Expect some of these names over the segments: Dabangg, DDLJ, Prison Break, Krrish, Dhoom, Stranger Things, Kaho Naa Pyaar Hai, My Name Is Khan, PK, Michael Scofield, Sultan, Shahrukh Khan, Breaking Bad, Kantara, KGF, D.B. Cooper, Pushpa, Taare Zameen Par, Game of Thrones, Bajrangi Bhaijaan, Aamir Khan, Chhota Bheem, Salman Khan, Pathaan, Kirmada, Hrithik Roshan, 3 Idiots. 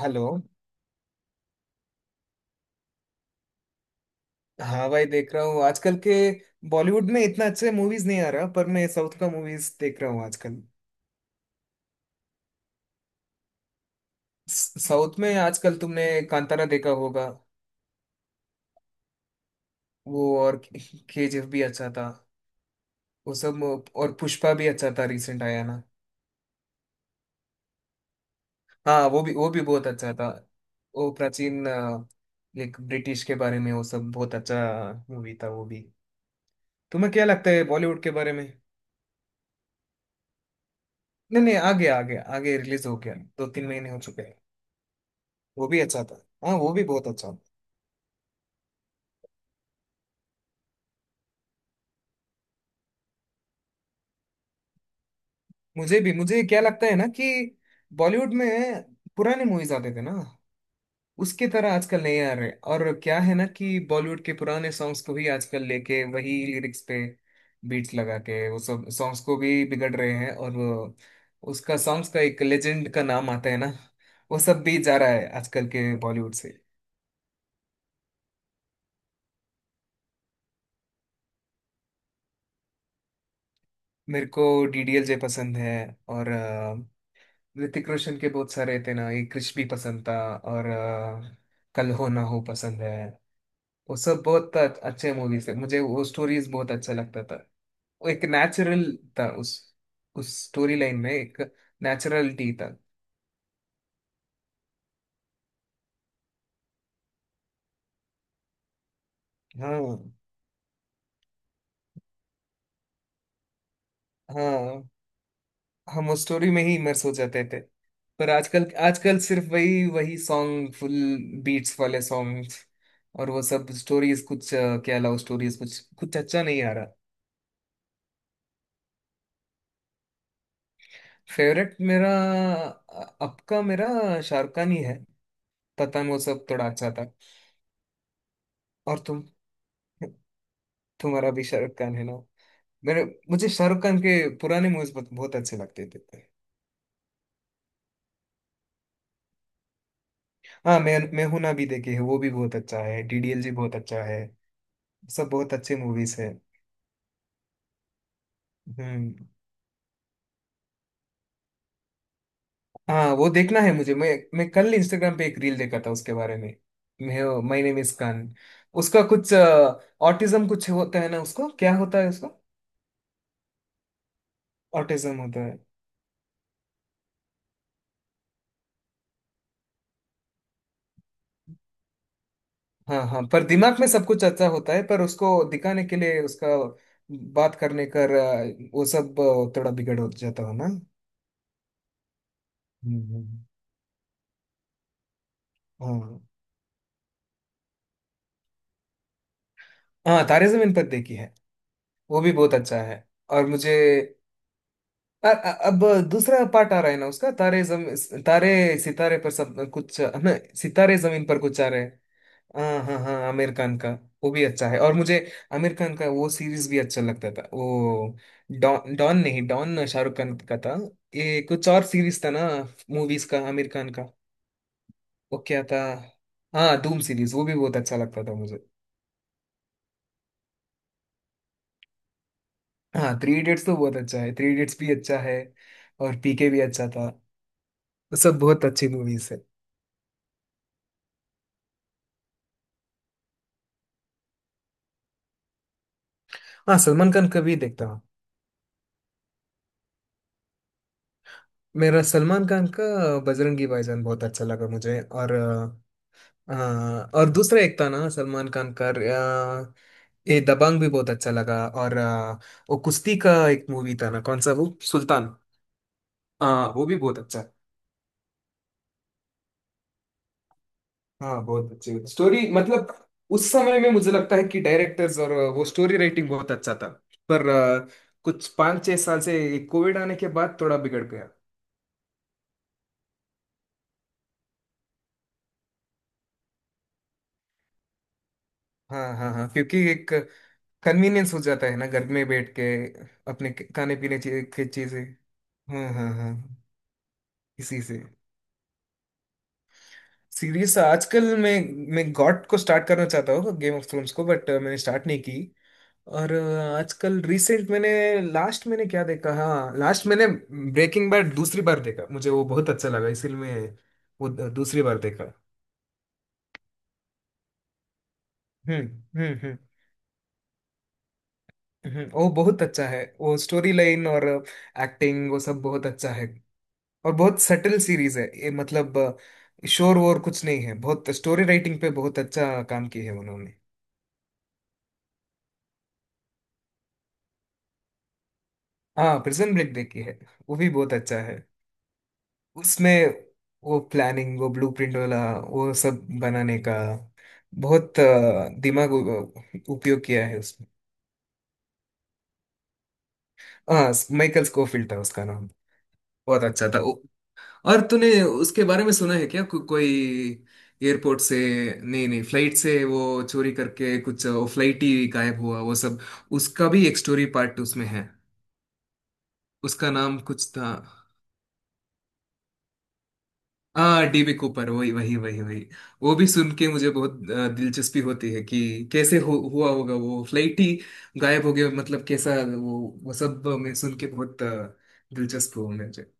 Hello. हाँ भाई, देख रहा हूँ। आजकल के बॉलीवुड में इतना अच्छे मूवीज नहीं आ रहा, पर मैं साउथ का मूवीज देख रहा हूँ आजकल। साउथ में आजकल तुमने कांतारा देखा होगा। वो, और केजीएफ भी अच्छा था। वो सब, और पुष्पा भी अच्छा था, रिसेंट आया ना। हाँ, वो भी बहुत अच्छा था। वो प्राचीन, एक ब्रिटिश के बारे में, वो सब बहुत अच्छा मूवी था वो भी। तुम्हें क्या लगता है बॉलीवुड के बारे में? नहीं नहीं, आ गया आ गया, आगे रिलीज हो गया, 2-3 महीने हो चुके हैं। वो भी अच्छा था। हाँ, वो भी बहुत अच्छा था। मुझे भी, मुझे क्या लगता है ना कि बॉलीवुड में पुराने मूवीज आते थे ना, उसके तरह आजकल नहीं आ रहे। और क्या है ना कि बॉलीवुड के पुराने सॉन्ग्स को भी आजकल लेके वही लिरिक्स पे बीट्स लगा के वो सब सॉन्ग्स को भी बिगड़ रहे हैं। और उसका सॉन्ग्स का एक लेजेंड का नाम आता है ना, वो सब भी जा रहा है आजकल के बॉलीवुड से। मेरे को डीडीएलजे पसंद है। और ऋतिक रोशन के बहुत सारे थे ना, एक क्रिश भी पसंद था। और कल हो ना हो पसंद है। वो सब बहुत अच्छे मूवीज थे, मुझे वो स्टोरीज बहुत अच्छा लगता था। वो एक नेचुरल था, उस स्टोरी लाइन में एक नेचुरलिटी था। हाँ हाँ, हम उस स्टोरी में ही इमर्स हो जाते थे। पर आजकल, आजकल सिर्फ वही वही सॉन्ग फुल बीट्स वाले सॉन्ग्स। और वो सब स्टोरीज कुछ क्या लव स्टोरीज, कुछ कुछ अच्छा नहीं आ रहा। फेवरेट मेरा, अब का मेरा, शाहरुख खान ही है। पठान वो सब थोड़ा अच्छा था। और तुम, तुम्हारा भी शाहरुख खान है ना? मेरे, मुझे शाहरुख खान के पुराने मूवीज बहुत, बहुत अच्छे लगते थे। हाँ, मैं हूं ना भी देखी है, वो भी बहुत अच्छा है, डीडीएल जी बहुत अच्छा है। सब बहुत अच्छे मूवीज है। हम्म। हाँ, वो देखना है मुझे। मैं कल इंस्टाग्राम पे एक रील देखा था उसके बारे में, मैं माय नेम इज खान। उसका कुछ ऑटिज्म कुछ होता है ना, उसको क्या होता है उसको? ऑटिज्म होता है। हाँ हाँ, पर दिमाग में सब कुछ अच्छा होता है, पर उसको दिखाने के लिए उसका बात करने कर वो सब थोड़ा बिगड़ हो जाता हो ना, हम्म। हाँ हाँ, तारे जमीन पर देखी है, वो भी बहुत अच्छा है। और मुझे अब दूसरा पार्ट आ रहा है ना उसका, तारे जम तारे सितारे पर सब कुछ हमें। सितारे जमीन पर कुछ आ रहे हैं। हाँ हाँ हाँ, आमिर खान का, वो भी अच्छा है। और मुझे आमिर खान का वो सीरीज भी अच्छा लगता था वो। डॉन, डॉन नहीं, डॉन शाहरुख खान का था। ये कुछ और सीरीज था ना, मूवीज का आमिर खान का, वो क्या था? हाँ, धूम सीरीज, वो भी बहुत अच्छा लगता था मुझे। हाँ, थ्री इडियट्स तो बहुत अच्छा है, थ्री इडियट्स भी अच्छा है। और पीके भी अच्छा था। सब बहुत अच्छी मूवीज है। हाँ, सलमान खान का भी देखता हूँ। मेरा सलमान खान का बजरंगी भाईजान बहुत अच्छा लगा मुझे। और हाँ, और दूसरा एक था ना सलमान खान का ये दबंग भी बहुत अच्छा लगा। और वो कुश्ती का एक मूवी था ना कौन सा, वो सुल्तान। हाँ, वो भी बहुत अच्छा है। हाँ, बहुत अच्छी स्टोरी, मतलब उस समय में मुझे लगता है कि डायरेक्टर्स और वो स्टोरी राइटिंग बहुत अच्छा था। पर कुछ 5-6 साल से कोविड आने के बाद थोड़ा बिगड़ गया। हाँ हाँ हाँ, क्योंकि एक कन्वीनियंस हो जाता है ना, घर में बैठ के अपने खाने पीने की चीजें। हाँ हाँ हाँ, इसी से सीरीज। आजकल मैं, गॉट को स्टार्ट करना चाहता हूँ, गेम ऑफ थ्रोन्स को, बट मैंने स्टार्ट नहीं की। और आजकल रिसेंट मैंने, लास्ट मैंने क्या देखा, हाँ लास्ट मैंने ब्रेकिंग बैड दूसरी बार देखा। मुझे वो बहुत अच्छा लगा, इसलिए मैं वो दूसरी बार देखा। हम्म, हम्म, हम्म, हम्म। वो बहुत अच्छा है, वो स्टोरी लाइन और एक्टिंग वो सब बहुत अच्छा है। और बहुत सटल सीरीज है ये, मतलब शोर वोर कुछ नहीं है, बहुत स्टोरी राइटिंग पे बहुत अच्छा काम की है उन्होंने। हाँ, प्रिजन ब्रेक देखी है, वो भी बहुत अच्छा है। उसमें वो प्लानिंग, वो ब्लूप्रिंट वाला, वो सब बनाने का बहुत दिमाग उपयोग किया है उसमें। हाँ, माइकल स्कोफिल्ड था उसका नाम, बहुत अच्छा था वो। और तूने उसके बारे में सुना है क्या, कोई एयरपोर्ट से, नहीं नहीं, फ्लाइट से वो चोरी करके कुछ, वो फ्लाइट ही गायब हुआ वो सब, उसका भी एक स्टोरी पार्ट उसमें है। उसका नाम कुछ था। हाँ, डीबी कूपर, वही वही वही वही। वो भी सुन के मुझे बहुत दिलचस्पी होती है कि कैसे हुआ होगा, वो फ्लाइट ही गायब हो गया मतलब, कैसा वो वो सब मैं सुन के बहुत दिलचस्प हुआ मुझे।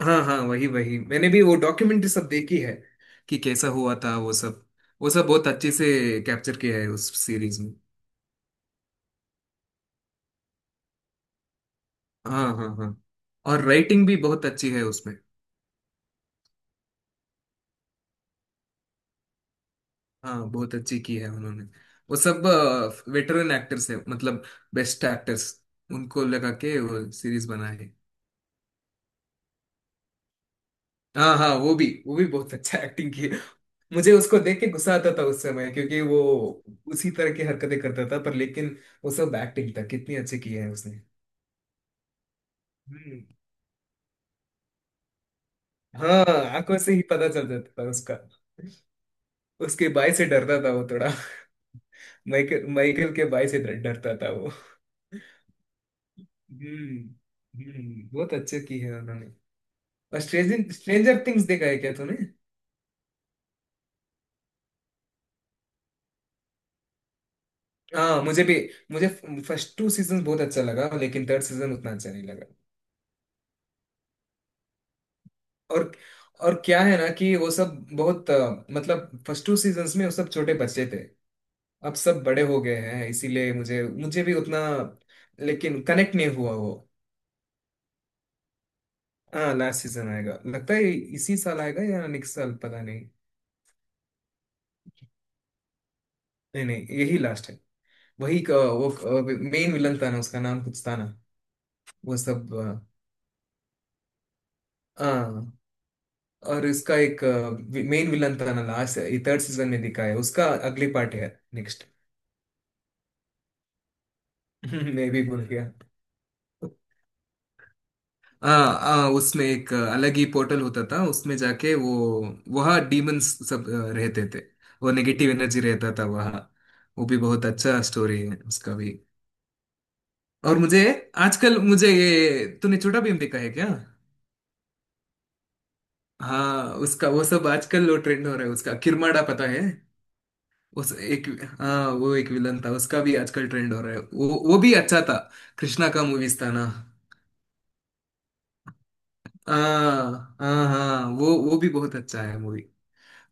हाँ हाँ, वही वही, मैंने भी वो डॉक्यूमेंट्री सब देखी है, कि कैसा हुआ था वो सब, वो सब बहुत अच्छे से कैप्चर किया है उस सीरीज में। हाँ हाँ हाँ। और राइटिंग भी बहुत अच्छी है उसमें। हाँ, बहुत अच्छी की है उन्होंने, वो सब वेटरन एक्टर्स है मतलब, बेस्ट एक्टर्स उनको लगा के वो सीरीज बना है। हाँ हाँ, वो भी बहुत अच्छा एक्टिंग की है। मुझे उसको देख के गुस्सा आता था उस समय, क्योंकि वो उसी तरह की हरकतें करता था पर लेकिन वो सब एक्टिंग था, कितनी अच्छी की है उसने। हम्म। हाँ, आंखों से ही पता चल जाता था उसका, उसके बाई से डरता था वो थोड़ा। माइकल माइकल के बाई से डरता था वो। हम्म, हम्म, बहुत अच्छे की है उन्होंने। स्ट्रेंजर स्ट्रेंजर थिंग्स देखा है क्या तूने? हाँ, मुझे भी, मुझे फर्स्ट 2 सीजन बहुत अच्छा लगा, लेकिन थर्ड सीजन उतना अच्छा नहीं लगा। और और क्या है ना कि वो सब बहुत मतलब फर्स्ट 2 सीजन्स में वो सब छोटे बच्चे थे, अब सब बड़े हो गए हैं, इसीलिए मुझे मुझे भी उतना, लेकिन कनेक्ट नहीं हुआ वो। हाँ, लास्ट सीजन आएगा लगता है, इसी साल आएगा या नेक्स्ट साल पता नहीं। नहीं नहीं, यही लास्ट है। वही वो मेन विलन था ना, उसका नाम कुछ था ना, वो सब हाँ। और इसका एक मेन विलन था ना, लास्ट ये थर्ड सीजन में दिखा है, उसका अगली पार्ट है नेक्स्ट। मैं भी भूल गया। हाँ हाँ, उसमें एक अलग ही पोर्टल होता था, उसमें जाके वो वहाँ डीमंस सब रहते थे। वो नेगेटिव एनर्जी रहता था वहाँ। वो भी बहुत अच्छा स्टोरी है उसका भी। और मुझे, आजकल मुझे ये, तूने छोटा भीम देखा है क्या? हाँ, उसका वो सब आजकल वो ट्रेंड हो रहा है उसका, किरमाड़ा पता है? उस एक, हाँ वो एक विलन था उसका भी आजकल ट्रेंड हो रहा है, वो भी अच्छा था। कृष्णा का मूवीज था ना। हाँ हाँ हाँ, वो भी बहुत अच्छा है मूवी।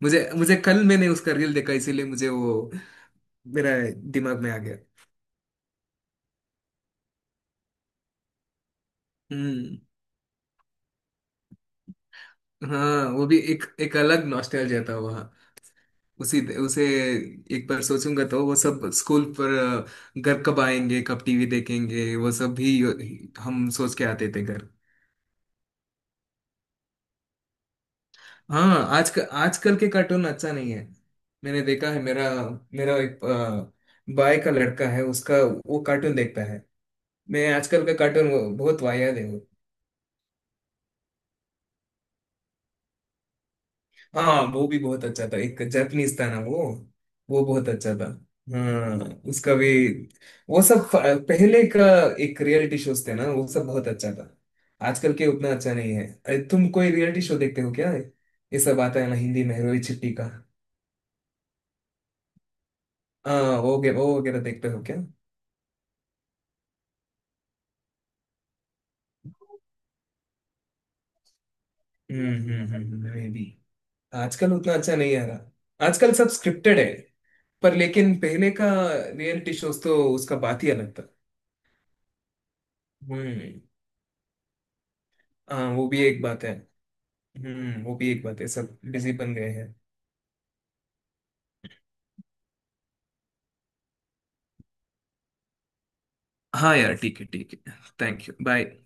मुझे मुझे कल मैंने उसका रील देखा, इसीलिए मुझे वो मेरा दिमाग में आ गया। हम्म। हाँ, वो भी एक एक अलग नॉस्टैल्जिया था वहाँ। उसी उसे एक बार सोचूंगा तो वो सब स्कूल पर घर कब आएंगे कब टीवी देखेंगे वो सब भी हम सोच के आते थे घर। हाँ, आजकल आजकल के कार्टून अच्छा नहीं है। मैंने देखा है, मेरा मेरा एक भाई का लड़का है, उसका वो कार्टून देखता है। मैं आजकल का कार्टून वो बहुत वाहियात है वो। हाँ, वो भी बहुत अच्छा था, एक जापानीज था ना वो बहुत अच्छा था। हाँ, उसका भी वो सब पहले का एक रियलिटी शोज थे ना, वो सब बहुत अच्छा था। आजकल के उतना अच्छा नहीं है। अरे तुम कोई रियलिटी शो देखते हो क्या? ये सब आता है ना हिंदी में, रोई छिट्टी का। हाँ, वो वो वगैरह देखते हो क्या? हम्म, हम्म, मैं भी। आजकल उतना अच्छा नहीं आ रहा, आजकल सब स्क्रिप्टेड है। पर लेकिन पहले का रियलिटी शोज तो उसका बात ही अलग था। हम्म, हाँ वो भी एक बात है। हम्म, वो भी एक बात है, सब बिजी बन गए हैं। हाँ यार, ठीक है ठीक है, थैंक यू बाय।